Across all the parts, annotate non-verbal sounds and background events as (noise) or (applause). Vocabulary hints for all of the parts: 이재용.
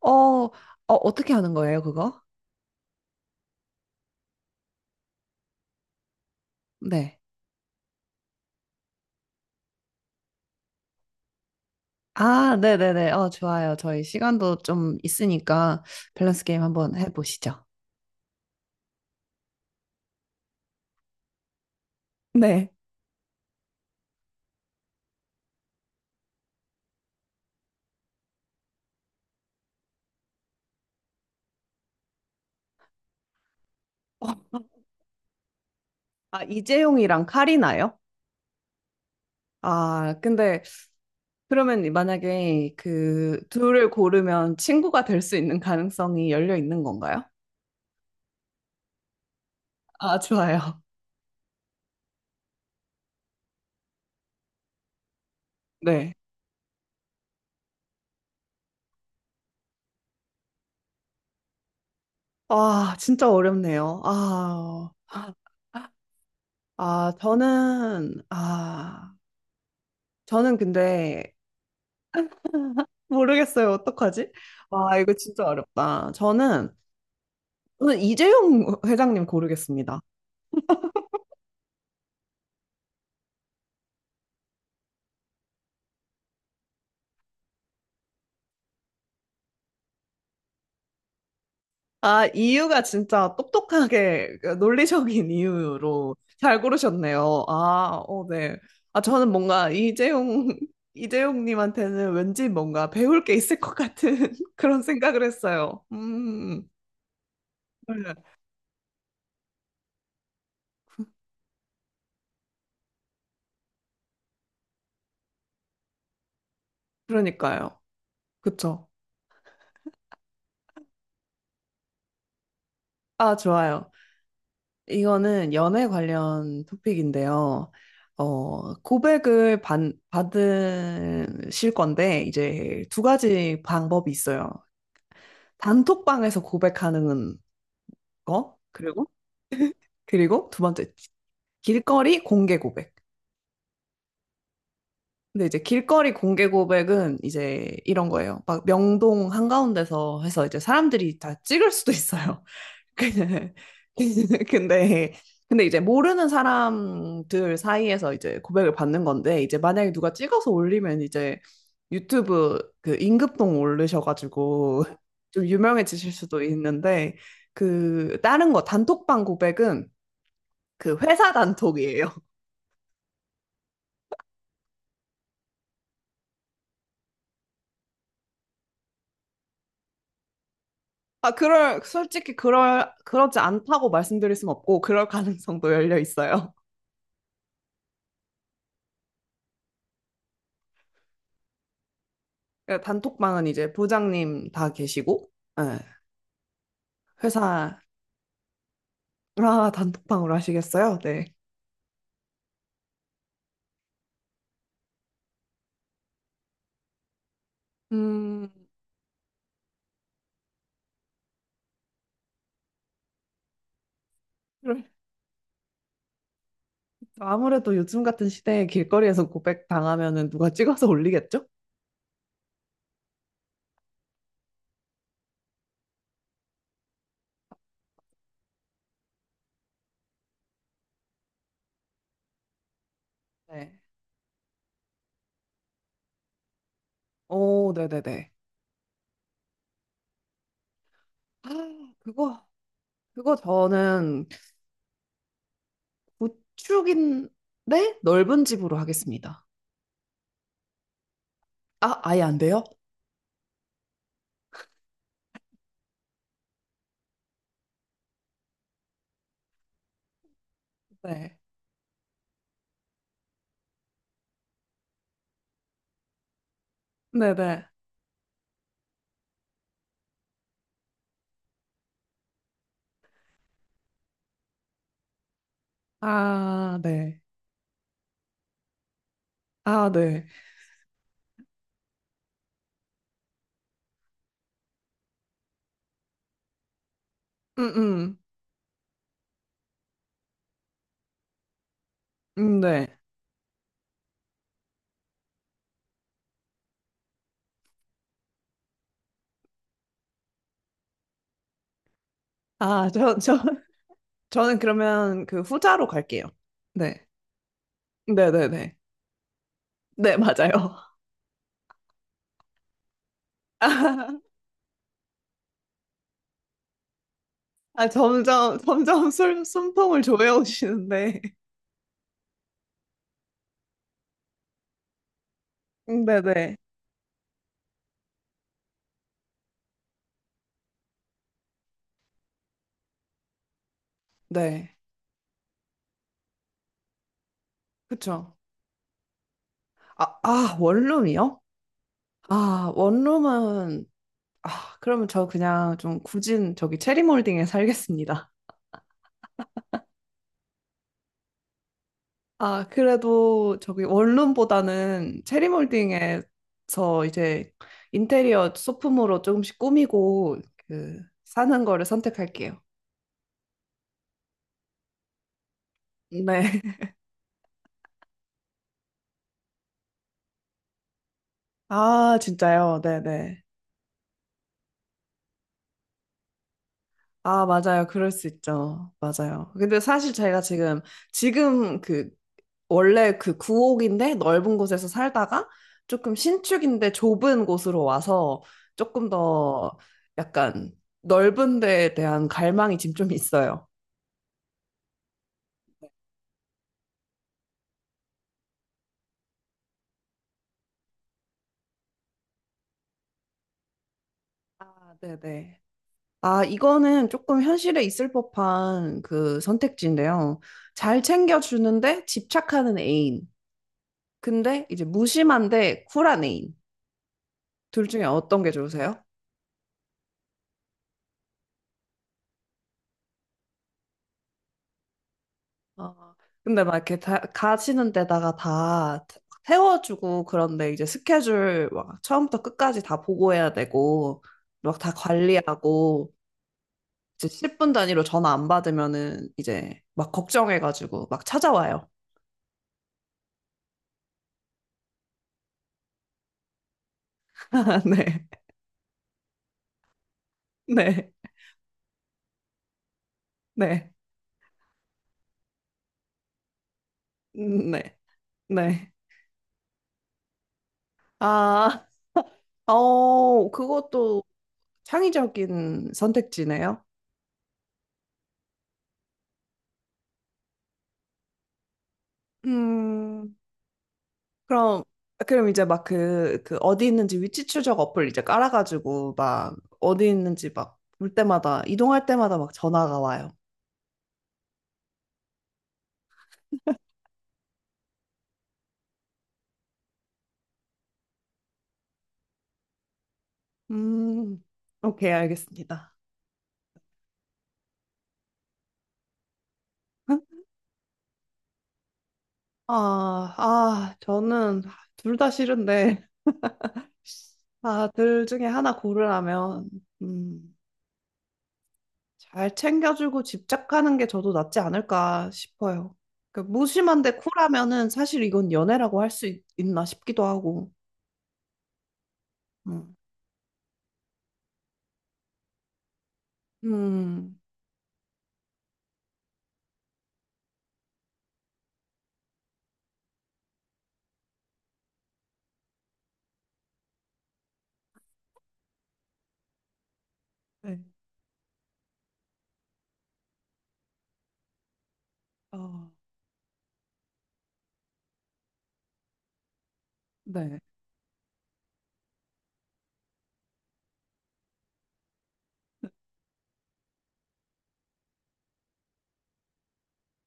어, 어, 어떻게 하는 거예요, 그거? 네. 아, 네네네. 어, 좋아요. 저희 시간도 좀 있으니까 밸런스 게임 한번 해보시죠. 네. 어, 아, 이재용이랑 카리나요? 아, 근데 그러면 만약에 그 둘을 고르면 친구가 될 수 있는 가능성이 열려 있는 건가요? 아, 좋아요. 네. 아, 진짜 어렵네요. 아, 아, 저는 근데 모르겠어요. 어떡하지? 와, 이거 진짜 어렵다. 저는 이재용 회장님 고르겠습니다. 아, 이유가 진짜 똑똑하게 그 논리적인 이유로 잘 고르셨네요. 아, 어, 네. 아, 저는 뭔가 이재용, (laughs) 이재용님한테는 왠지 뭔가 배울 게 있을 것 같은 (laughs) 그런 생각을 했어요. 네. 그러니까요. 그쵸. 아, 좋아요. 이거는 연애 관련 토픽인데요. 어, 받으실 건데, 이제 두 가지 방법이 있어요. 단톡방에서 고백하는 거, 그리고 두 번째, 길거리 공개 고백. 근데 이제 길거리 공개 고백은 이제 이런 거예요. 막 명동 한가운데서 해서 이제 사람들이 다 찍을 수도 있어요. 근데 (laughs) 근데 근데 이제 모르는 사람들 사이에서 이제 고백을 받는 건데 이제 만약에 누가 찍어서 올리면 이제 유튜브 그임급동 올르셔가지고 (laughs) 좀 유명해지실 수도 있는데 그 다른 거 단톡방 고백은 그 회사 단톡이에요. (laughs) 아, 그럴 솔직히 그럴 그렇지 않다고 말씀드릴 순 없고 그럴 가능성도 열려 있어요. (laughs) 단톡방은 이제 부장님 다 계시고 예, 회사, 아, 단톡방으로 하시겠어요? 네. 음, 그럼 아무래도 요즘 같은 시대에 길거리에서 고백 당하면은 누가 찍어서 올리겠죠? 네. 오, 네네네. 아, 그거, 그거 저는 구축인데 넓은 집으로 하겠습니다. 아, 아예 안 돼요? 네. 네네. 아, 네. 아, 네. 음, 음. 네. 아, 저는 그러면 그 후자로 갈게요. 네. 네네네. 네, 맞아요. (laughs) 아, (laughs) 점점 숨통을 조여오시는데. (laughs) 네네. 네. 그쵸. 아, 아, 원룸이요? 아, 원룸은, 아, 그러면 저 그냥 좀 굳은 저기 체리몰딩에 살겠습니다. 아, 그래도 저기 원룸보다는 체리몰딩에서 이제 인테리어 소품으로 조금씩 꾸미고 그 사는 거를 선택할게요. 네. (laughs) 아, 진짜요? 네네. 아, 맞아요. 그럴 수 있죠. 맞아요. 근데 사실 저희가 지금 그, 원래 그 구옥인데 넓은 곳에서 살다가 조금 신축인데 좁은 곳으로 와서 조금 더 약간 넓은 데에 대한 갈망이 지금 좀 있어요. 아, 네네. 아, 이거는 조금 현실에 있을 법한 그 선택지인데요. 잘 챙겨주는데 집착하는 애인. 근데 이제 무심한데 쿨한 애인. 둘 중에 어떤 게 좋으세요? 어, 근데 막 이렇게 다, 가시는 데다가 다 태워주고 그런데 이제 스케줄 막 처음부터 끝까지 다 보고해야 되고 막 다 관리하고 이제 10분 단위로 전화 안 받으면은 이제 막 걱정해가지고 막 찾아와요. (laughs) 네, 네, 네, 네, 네. 아, 어, 그것도 창의적인 선택지네요. 음, 그럼 그럼 이제 막 그 어디 있는지 위치 추적 어플 이제 깔아가지고 막 어디 있는지 막 볼 때마다 이동할 때마다 막 전화가 와요. 음, 오케이 알겠습니다. 아, 아, 저는 둘 다 싫은데, 아, 둘 중에 하나 고르라면, 음, 잘 챙겨주고 집착하는 게 저도 낫지 않을까 싶어요. 그 무심한데 쿨하면은 사실 이건 연애라고 할 수 있나 싶기도 하고. 음, 음, 네. 어, 네.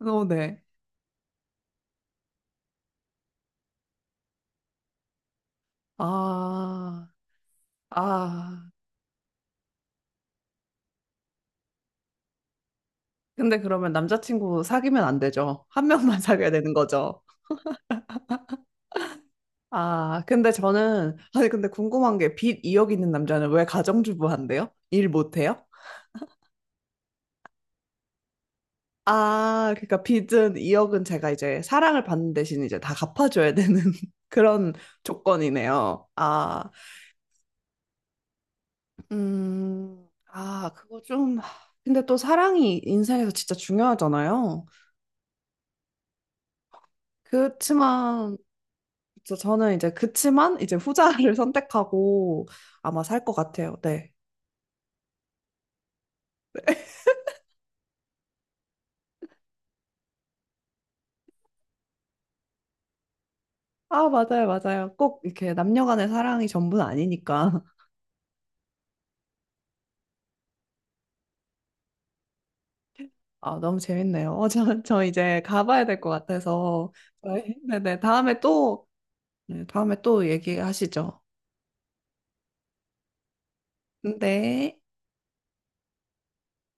어, 네. 아, 아. 근데 그러면 남자친구 사귀면 안 되죠. 한 명만 (laughs) 사귀어야 되는 거죠. 아, 근데 저는, 아니, 근데 궁금한 게 빚 2억 있는 남자는 왜 가정주부 한대요? 일 못해요? 아, 그러니까 빚은 2억은 제가 이제 사랑을 받는 대신 이제 다 갚아줘야 되는 (laughs) 그런 조건이네요. 아, 아, 그거 좀. 근데 또 사랑이 인생에서 진짜 중요하잖아요. 그렇지만 저는 이제 그치만 이제 후자를 (laughs) 선택하고 아마 살 것 같아요. 네. 아, 맞아요, 맞아요. 꼭 이렇게 남녀 간의 사랑이 전부는 아니니까. (laughs) 아, 너무 재밌네요. 어, 저 이제 가봐야 될 것 같아서. 저희- 네네. 다음에 또, 네, 다음에 또 얘기하시죠. 네.